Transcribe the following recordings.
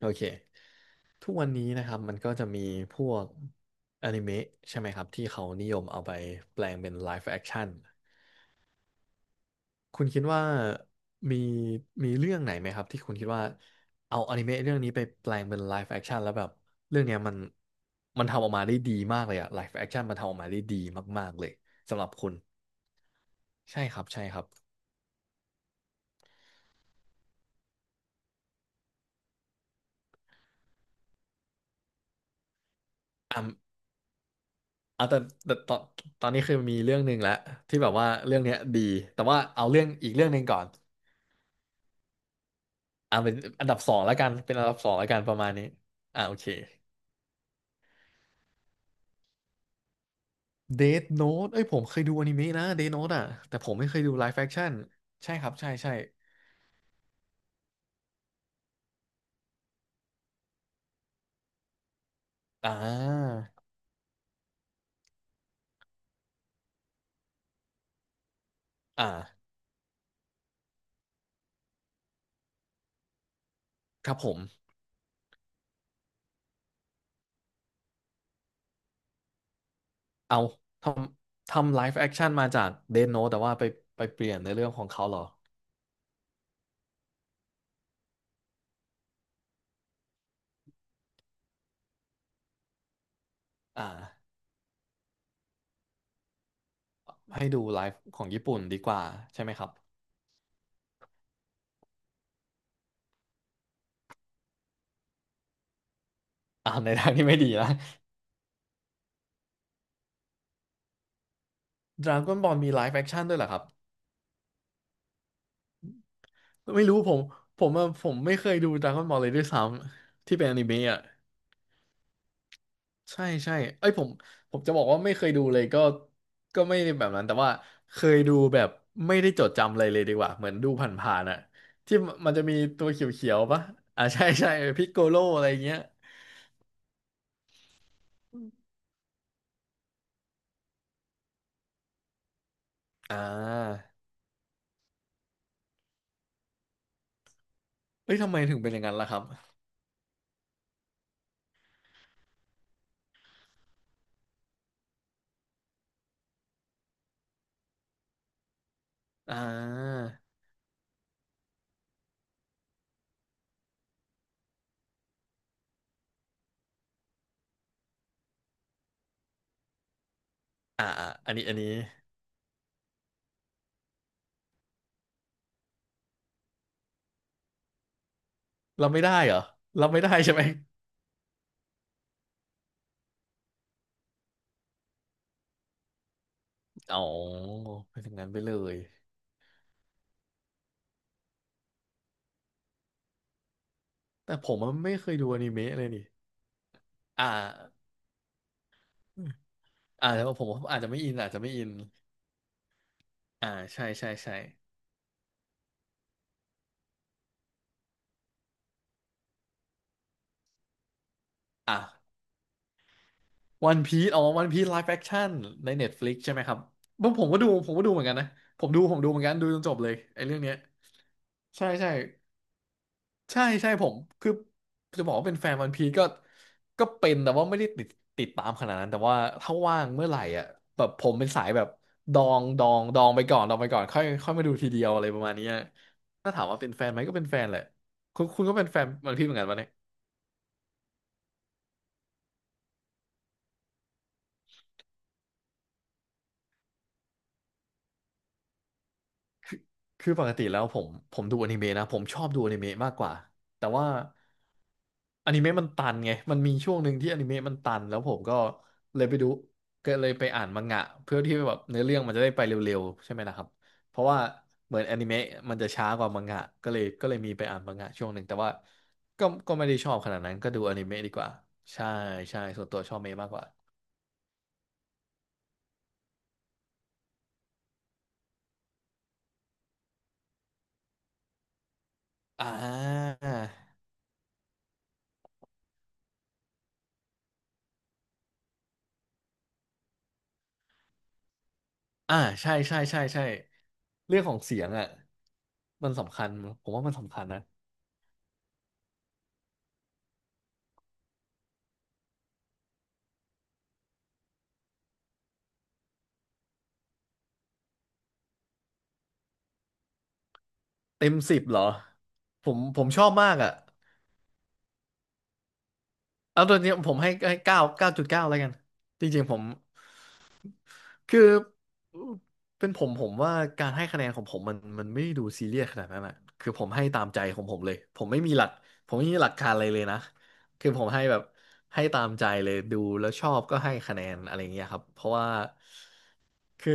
โอเค ทุกวันนี้นะครับ มันก็จะมีพวกอนิเมะใช่ไหมครับที่เขานิยมเอาไปแปลงเป็นไลฟ์แอคชั่นคุณคิดว่ามีมีเรื่องไหนไหมครับที่คุณคิดว่าเอาอนิเมะเรื่องนี้ไปแปลงเป็นไลฟ์แอคชั่นแล้วแบบเรื่องเนี้ยมันทำออกมาได้ดีมากเลยอะไลฟ์แอคชั่นมันทำออกมาได้ดีมากๆเลยสำหรับคุณใช่ครับใช่ครับอ่ะเอาแต่แต่ตอนตอนนี้คือมีเรื่องหนึ่งแล้วที่แบบว่าเรื่องเนี้ยดีแต่ว่าเอาเรื่องอีกเรื่องหนึ่งก่อน อ่าเป็นอันดับสองแล้วกันเป็นอันดับสองแล้วกันประมาณนี้อ่าโอเคเดธโน้เอ้ยผมเคยดูอนิเมะนะเดธโน t e อ่ะแต่ผมไม่เคยดูไลฟ์แฟคชั่นใช่ครับใช่ใช่อ่าอ่าครับผมเอาทำทำไลฟ์แอคชั่นมาจากเดธโน t e แต่ว่าไปเปลี่ยนในเรื่องของเขาเหรออ่าให้ดูไลฟ์ของญี่ปุ่นดีกว่าใช่ไหมครับอ่าในทางที่ไม่ดีนะดราก้อนบอลมีไลฟ์แอคชั่นด้วยเหรอครับไม่รู้ผมผมอะผมไม่เคยดูดราก้อนบอลเลยด้วยซ้ำที่เป็นอนิเมะอ่ะ ใช่ใช่เอ้ยผมจะบอกว่าไม่เคยดูเลยก็ไม่ได้แบบนั้นแต่ว่าเคยดูแบบไม่ได้จดจำอะไรเลยดีกว่าเหมือนดูผ่านๆอะที่มันจะมีตัวเขียวๆปะอ่า ใช่ใช่พิกโกโลอะไรเงี้ยอ่าเอ้ยทำไมถึงเป็นอย่างนั้นล่ะครับอ่าอ่าอ่าอันนี้เราไม่ได้เหรอเราไม่ได้ใช่ไหมอ๋อเป็นอย่างนั้นไปเลยแต่ผมอะไม่เคยดูอนิเมะเลยนี่อ่าอ่าแต่ว่าผมอาจจะไม่อินอาจจะไม่อินอ่าใช่ใช่ใช่ อ่ะวันพีซอ๋อวันพีซไลฟ์แอคชั่นใน Netflix ใช่ไหมครับผมก็ดูเหมือนกันนะผมดูเหมือนกันดูจนจบเลยไอ้เรื่องเนี้ยใช่ใช่ใช่ใช่ผมคือจะบอกว่าเป็นแฟนวันพีซก็เป็นแต่ว่าไม่ได้ติดตามขนาดนั้นแต่ว่าถ้าว่างเมื่อไหร่อ่ะแบบผมเป็นสายแบบดองดองดองไปก่อนดองไปก่อนค่อยค่อยมาดูทีเดียวอะไรประมาณเนี้ยถ้าถามว่าเป็นแฟนไหมก็เป็นแฟนแหละคุณก็เป็นแฟนวันพีเหมือนกันปะเนี่ย คือปกติแล้วผมดูอนิเมะนะผมชอบดูอนิเมะมากกว่าแต่ว่าอนิเมะมันตันไงมันมีช่วงหนึ่งที่อนิเมะมันตันแล้วผมก็เลยไปดูก็เลยไปอ่านมังงะเพื่อที่แบบเนื้อเรื่องมันจะได้ไปเร็วๆใช่ไหมนะครับเพราะว่าเหมือนอนิเมะมันจะช้ากว่ามังงะก็เลยก็เลยมีไปอ่านมังงะช่วงหนึ่งแต่ว่าก็ไม่ได้ชอบขนาดนั้นก็ดูอนิเมะดีกว่าใช่ใช่ส่วนตัวชอบเมะมากกว่าอ่า อ่าใช่ใช่ใช่ใช่เรื่องของเสียงอ่ะมันสำคัญผมว่ามันสำคัญนะเต็ม10เหรอผมชอบมากอ่ะเอาตัวนี้ผมให้เก้าจุดเก้าแล้วกันจริงๆผม คือเป็นผมว่าการให้คะแนนของผมมันไม่ดูซีเรียสขนาดนั้นอะคือผมให้ตามใจของผมเลยผมไม่มีหลักผมไม่มีหลักการอะไรเลยนะคือผมให้แบบให้ตามใจเลยดูแล้วชอบก็ให้คะแนนอะไรเงี้ยครับเพราะว่าคือ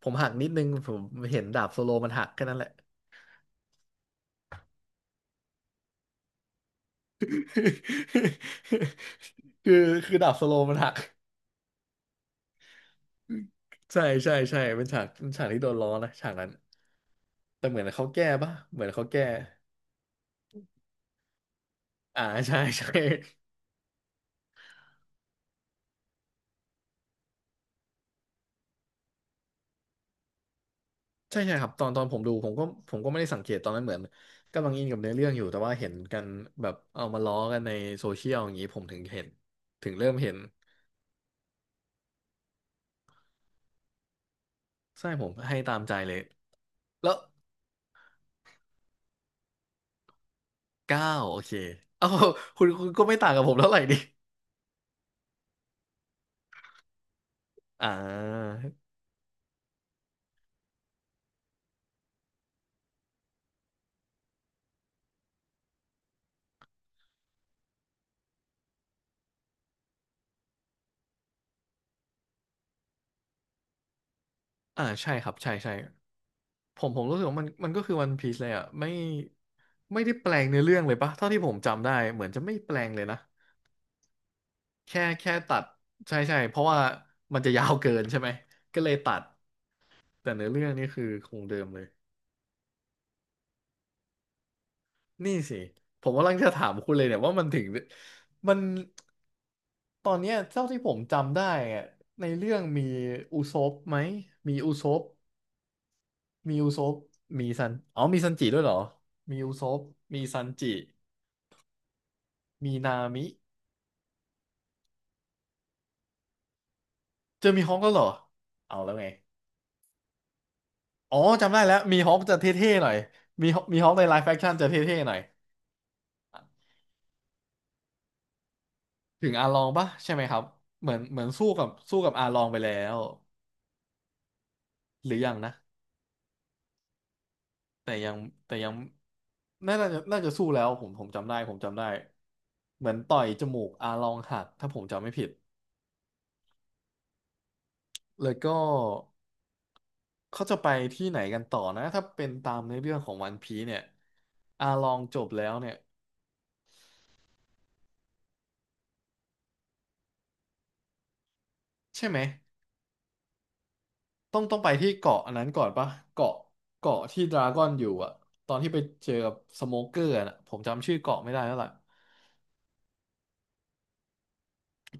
ผมหักนิดนึงผมเห็นดาบโซโลมันหักแค่นั้นแหละ คือคือดาบโซโลมันหักใช่ใช่ใช่เป็นฉากที่โดนล้อนะฉากนั้นแต่เหมือนเขาแก้ปะเหมือนเขาแก้ อ่าใช่ ใช่ใช่ใช่ครับตอนผมดูผมก็ไม่ได้สังเกตตอนนั้นเหมือนกำลังอินกับเนื้อเรื่องอยู่แต่ว่าเห็นกันแบบเอามาล้อกันในโซเชียลอย่างนี้ผมถึงเห็นถึงเริ่มเห็นใช่ผมให้ตามใจเลยแล้วเก้าโอเค เอ้าคุณก็ไม่ต่างกับผมเท่าไหร่ดิอ่าอ่าใช่ครับใช่ใช่ผมรู้สึกว่ามันก็คือวันพีซเลยอ่ะไม่ได้แปลงเนื้อเรื่องเลยปะเท่าที่ผมจำได้เหมือนจะไม่แปลงเลยนะ แค่ตัดใช่ใช่เพราะว่ามันจะยาวเกินใช่ไหมก็เลยตัดแต่เนื้อเรื่องนี่คือคงเดิมเลยนี่สิผมกำลังจะถามคุณเลยเนี่ยว่ามันตอนเนี้ยเท่าที่ผมจำได้อะในเรื่องมีอุซบไหมมีอุซบมีอุซบมีซันอ๋อมีซันจิด้วยเหรอมีอุซบมีซันจิมีนามิเจอมีฮอกก็เหรอเอาแล้วไงอ๋อจำได้แล้วมีฮอกจะเท่ๆหน่อยมีฮอกมีฮอกในไลฟ์แฟคชั่นจะเท่ๆหน่อย ถึงอาลองปะใช่ไหมครับเหมือนสู้กับอาลองไปแล้วหรือยังนะแต่ยังแต่ยังน่าจะน่าจะสู้แล้วผมจำได้เหมือนต่อยจมูกอาลองหักถ้าผมจำไม่ผิดแล้วก็เขาจะไปที่ไหนกันต่อนะถ้าเป็นตามในอเรื่องของวันพีเนี่ยอาลองจบแล้วเนี่ยใช่ไหมต้องไปที่เกาะอันนั้นก่อนปะเกาะเกาะที่ดราก้อนอยู่อะตอนที่ไปเจอกับสโมเกอร์นะผมจำชื่อเกาะไม่ได้แล้วล่ะ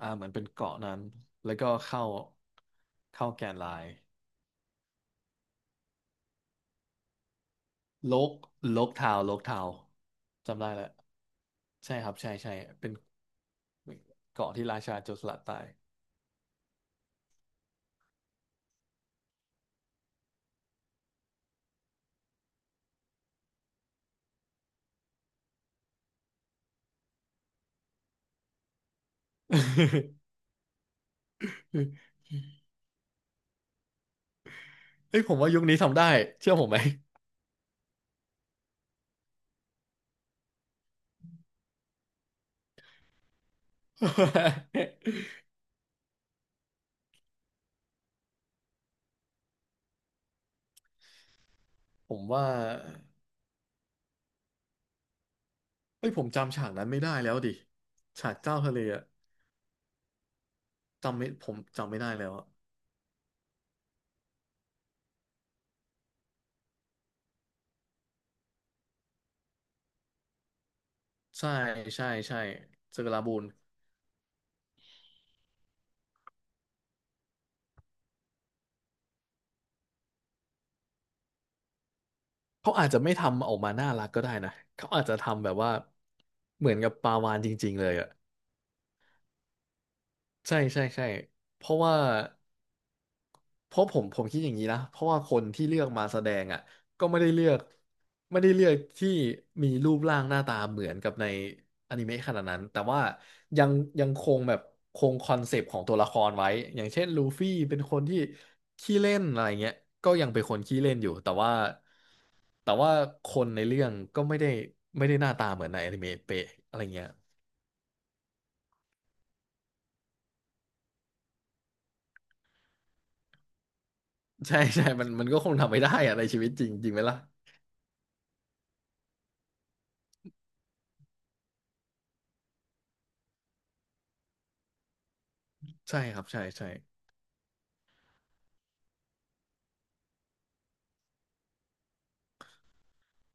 อ่าเหมือนเป็นเกาะนั้นแล้วก็เข้าแกนไลน์โลกโลกทาวน์โลกทาวน์จำได้แล้วใช่ครับใช่ใช่เป็นเกาะที่ราชาโจรสลัดตาย เอ้ยผมว่ายุคนี้ทำได้เชื่อผมไหม ผมว่าเอ้ยผมจำฉากนั้นไม่ได้แล้วดิฉากเจ้าทะเลอะจำไม่ผมจำไม่ได้แล้วอะใช่ใช่ใช่เซอร์กาลาบูน เขาอาจจะไม่ทำออกมาน่ารักก็ได้นะเขาอาจจะทำแบบว่าเหมือนกับปลาวาฬจริงๆเลยอ่ะใช่ใช่ใช่เพราะว่าเพราะผมคิดอย่างนี้นะเพราะว่าคนที่เลือกมาแสดงอ่ะก็ไม่ได้เลือกที่มีรูปร่างหน้าตาเหมือนกับในอนิเมะขนาดนั้นแต่ว่ายังยังคงแบบคงคอนเซปต์ของตัวละครไว้อย่างเช่นลูฟี่เป็นคนที่ขี้เล่นอะไรเงี้ยก็ยังเป็นคนขี้เล่นอยู่แต่ว่า แต่ว่าคนในเรื่องก็ไม่ได้ไม่ได้หน้าตาเหมือนในอนิเมะเป๊ะอะไรเงี้ย ใช่ใช่มันมันก็คงทำไม่ได้อะในชีวิตจริง จริงไหมล่ะใช่ครับใช่ใช่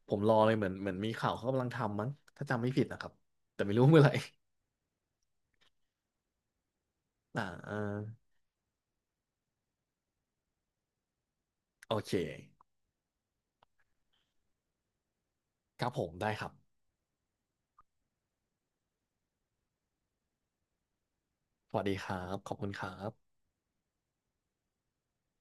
ผมรอเลยเหมือนมีข่าวเขากำลังทำมั้งถ้าจำไม่ผิดนะครับแต่ไม่รู้เมื่อไหร่ อ่าอ่าโอเคครับผมได้ครับสวัสดีครับขอบคุณครับ